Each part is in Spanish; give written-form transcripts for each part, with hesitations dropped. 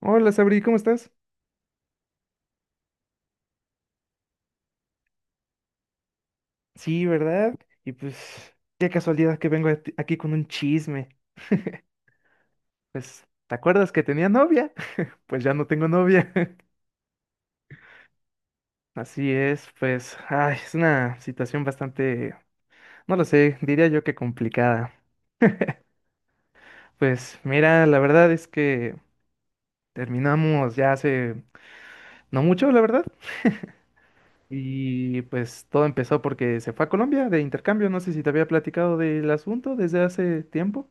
Hola, Sabri, ¿cómo estás? Sí, ¿verdad? Y pues, qué casualidad que vengo a aquí con un chisme. Pues, ¿te acuerdas que tenía novia? Pues ya no tengo novia. Así es, pues, ay, es una situación bastante, no lo sé, diría yo que complicada. Pues mira, la verdad es que terminamos ya hace no mucho, la verdad. Y pues todo empezó porque se fue a Colombia de intercambio. No sé si te había platicado del asunto desde hace tiempo.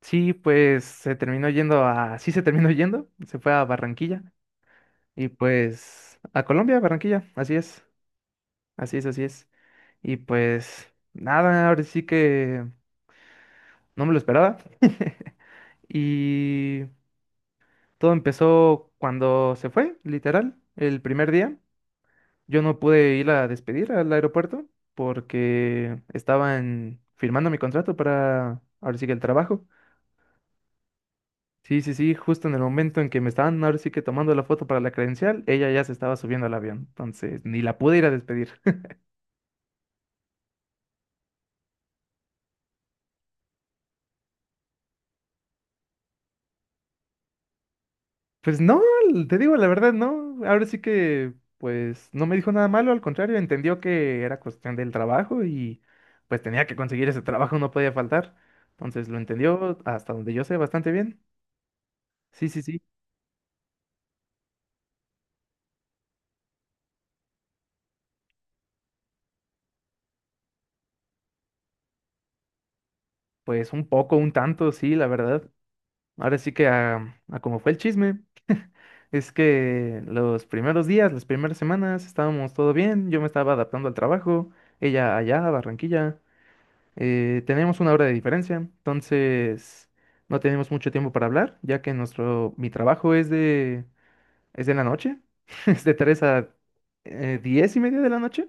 Sí, pues se terminó yendo a, sí se terminó yendo, se fue a Barranquilla y pues a Colombia, Barranquilla, así es, así es, así es. Y pues nada, ahora sí que no me lo esperaba. Y todo empezó cuando se fue, literal, el primer día. Yo no pude ir a despedir al aeropuerto porque estaban firmando mi contrato para, ahora sí que el trabajo. Sí, sí, sí, justo en el momento en que me estaban ahora sí que tomando la foto para la credencial, ella ya se estaba subiendo al avión, entonces ni la pude ir a despedir. Pues no, te digo la verdad, no, ahora sí que pues no me dijo nada malo, al contrario, entendió que era cuestión del trabajo y pues tenía que conseguir ese trabajo, no podía faltar, entonces lo entendió hasta donde yo sé bastante bien. Sí, sí, sí, pues un poco, un tanto, sí, la verdad. Ahora sí que a como fue el chisme. Es que los primeros días, las primeras semanas, estábamos todo bien, yo me estaba adaptando al trabajo, ella allá, a Barranquilla, teníamos una hora de diferencia, entonces no teníamos mucho tiempo para hablar, ya que mi trabajo es es de la noche, es de 3 a 10 y media de la noche,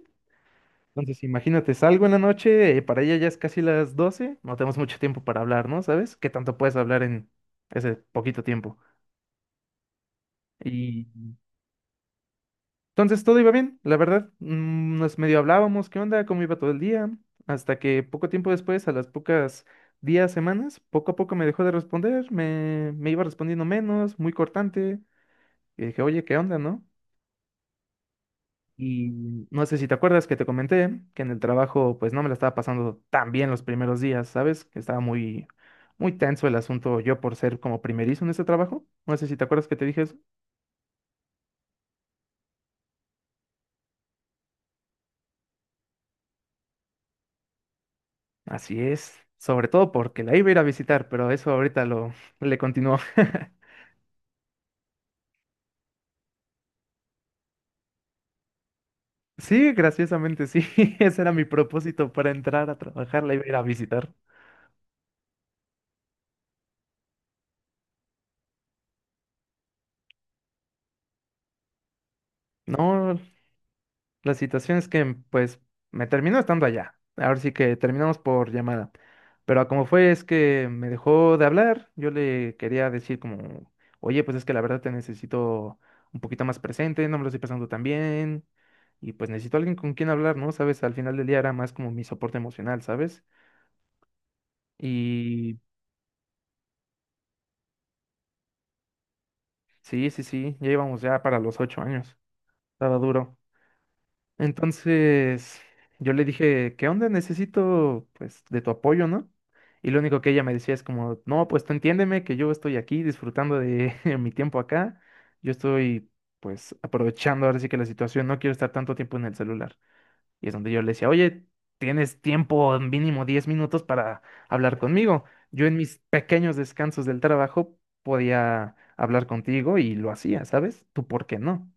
entonces imagínate, salgo en la noche, para ella ya es casi las 12. No tenemos mucho tiempo para hablar, ¿no? ¿Sabes? ¿Qué tanto puedes hablar en ese poquito tiempo? Y Entonces todo iba bien, la verdad. Nos medio hablábamos, qué onda, cómo iba todo el día, hasta que poco tiempo después, a las pocas días, semanas, poco a poco me dejó de responder, me iba respondiendo menos, muy cortante. Y dije, oye, ¿qué onda, no? Y no sé si te acuerdas que te comenté que en el trabajo, pues no me la estaba pasando tan bien los primeros días, ¿sabes? Que estaba muy tenso el asunto yo por ser como primerizo en este trabajo. No sé si te acuerdas que te dije eso. Así es, sobre todo porque la iba a ir a visitar, pero eso ahorita lo le continuó. Sí, graciosamente sí, ese era mi propósito para entrar a trabajar, la iba a ir a visitar. No, la situación es que, pues, me terminó estando allá. Ahora sí que terminamos por llamada. Pero como fue, es que me dejó de hablar. Yo le quería decir como, oye, pues es que la verdad te necesito un poquito más presente, no me lo estoy pasando tan bien. Y pues necesito alguien con quien hablar, ¿no? Sabes, al final del día era más como mi soporte emocional, ¿sabes? Y sí, sí, sí, ya íbamos ya para los 8 años. Estaba duro. Entonces, yo le dije, ¿qué onda? Necesito, pues, de tu apoyo, ¿no? Y lo único que ella me decía es como, no, pues tú entiéndeme que yo estoy aquí disfrutando de mi tiempo acá. Yo estoy, pues, aprovechando ahora sí que la situación, no quiero estar tanto tiempo en el celular. Y es donde yo le decía, oye, tienes tiempo mínimo 10 minutos para hablar conmigo. Yo en mis pequeños descansos del trabajo podía hablar contigo y lo hacía, ¿sabes? ¿Tú por qué no?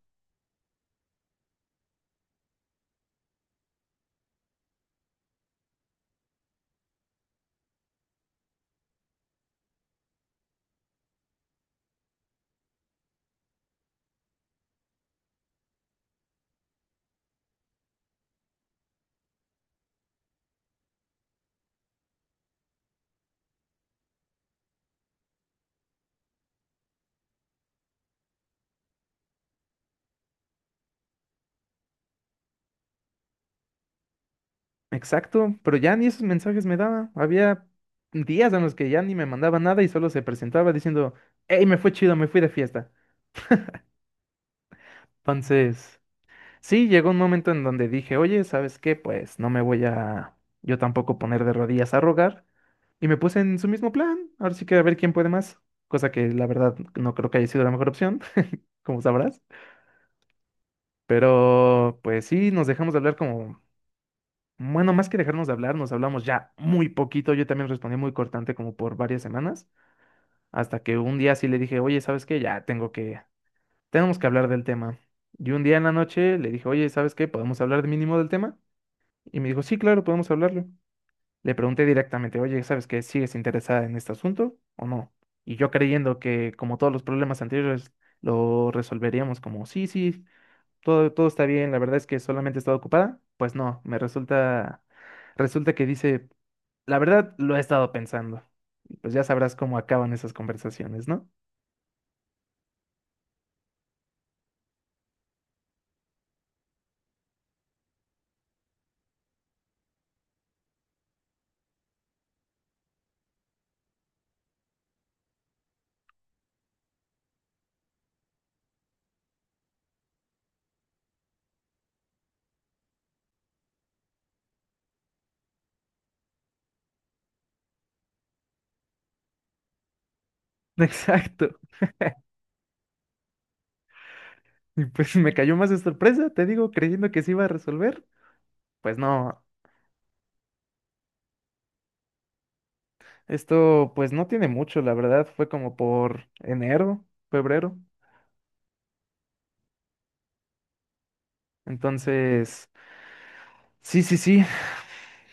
Exacto, pero ya ni esos mensajes me daba. Había días en los que ya ni me mandaba nada y solo se presentaba diciendo, hey, me fue chido, me fui de fiesta. Entonces, sí, llegó un momento en donde dije, oye, ¿sabes qué? Pues no me voy a yo tampoco poner de rodillas a rogar. Y me puse en su mismo plan. Ahora sí que a ver quién puede más. Cosa que la verdad no creo que haya sido la mejor opción, como sabrás. Pero pues sí, nos dejamos de hablar como... Bueno, más que dejarnos de hablar, nos hablamos ya muy poquito. Yo también respondí muy cortante como por varias semanas. Hasta que un día sí le dije, oye, ¿sabes qué? Tenemos que hablar del tema. Y un día en la noche le dije, oye, ¿sabes qué? ¿Podemos hablar de mínimo del tema? Y me dijo, sí, claro, podemos hablarlo. Le pregunté directamente, oye, ¿sabes qué? ¿Sigues interesada en este asunto o no? Y yo creyendo que, como todos los problemas anteriores, lo resolveríamos como, sí, sí, todo está bien, la verdad es que solamente he estado ocupada. Pues no, resulta que dice, la verdad lo he estado pensando. Y pues ya sabrás cómo acaban esas conversaciones, ¿no? Exacto. Y pues me cayó más de sorpresa, te digo, creyendo que se iba a resolver. Pues no, esto pues no tiene mucho, la verdad, fue como por enero, febrero. Entonces, sí, sí, sí,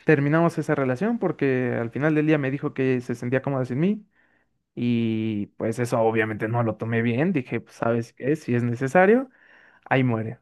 terminamos esa relación porque al final del día me dijo que se sentía cómoda sin mí y pues eso obviamente no lo tomé bien, dije, pues sabes qué, si es necesario, ahí muere.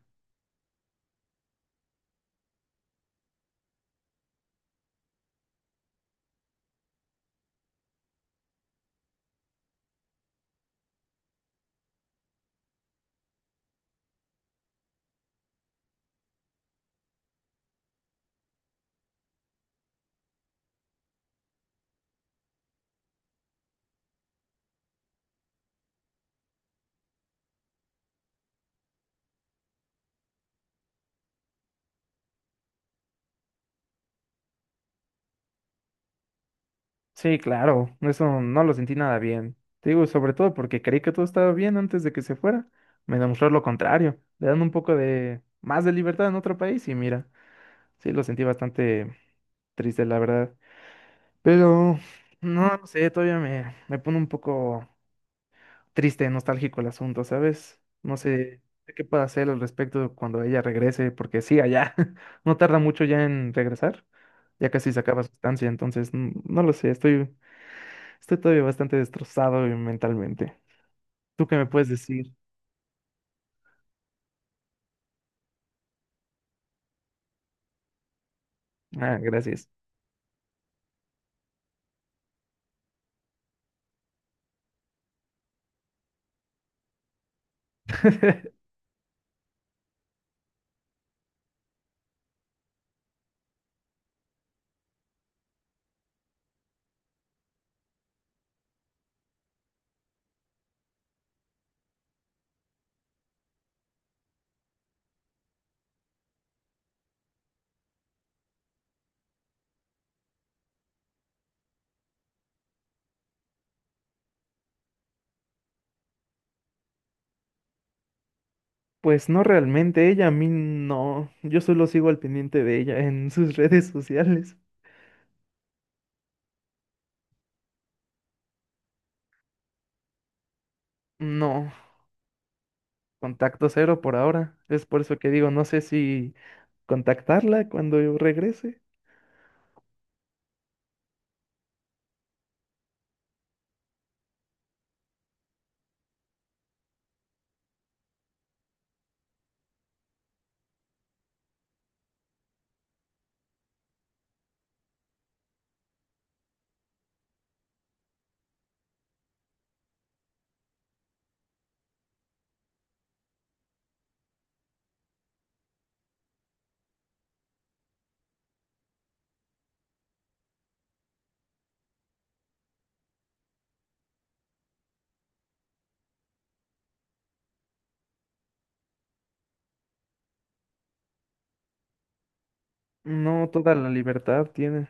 Sí, claro, eso no lo sentí nada bien. Te digo, sobre todo porque creí que todo estaba bien antes de que se fuera. Me demostró lo contrario. Le dan un poco de más de libertad en otro país y mira, sí, lo sentí bastante triste, la verdad. Pero, no, no sé, todavía me pone un poco triste, nostálgico el asunto, ¿sabes? No sé qué puedo hacer al respecto cuando ella regrese, porque sí, allá, no tarda mucho ya en regresar, ya casi se acaba su estancia, entonces, no lo sé, estoy todavía bastante destrozado mentalmente. ¿Tú qué me puedes decir? Ah, gracias. Pues no realmente, ella a mí no. Yo solo sigo al pendiente de ella en sus redes sociales. No, contacto cero por ahora. Es por eso que digo, no sé si contactarla cuando yo regrese. No, toda la libertad tiene.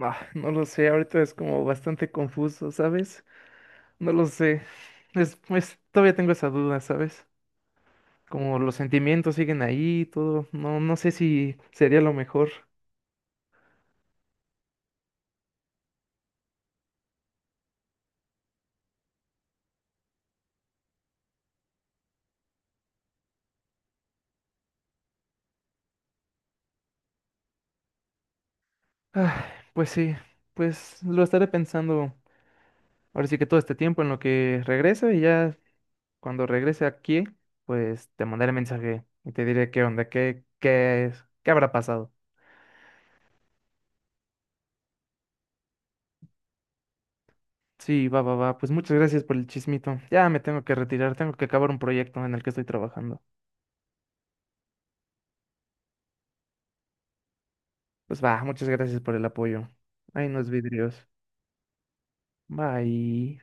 Ah, no lo sé, ahorita es como bastante confuso, ¿sabes? No lo sé. Es, pues todavía tengo esa duda, ¿sabes? Como los sentimientos siguen ahí, y todo. No, no sé si sería lo mejor. Ah, pues sí, pues lo estaré pensando ahora sí que todo este tiempo en lo que regreso y ya cuando regrese aquí, pues te mandaré mensaje y te diré qué onda, qué es, qué habrá pasado. Sí, va, va, va. Pues muchas gracias por el chismito. Ya me tengo que retirar, tengo que acabar un proyecto en el que estoy trabajando. Pues va, muchas gracias por el apoyo. Ahí nos vidrios. Bye.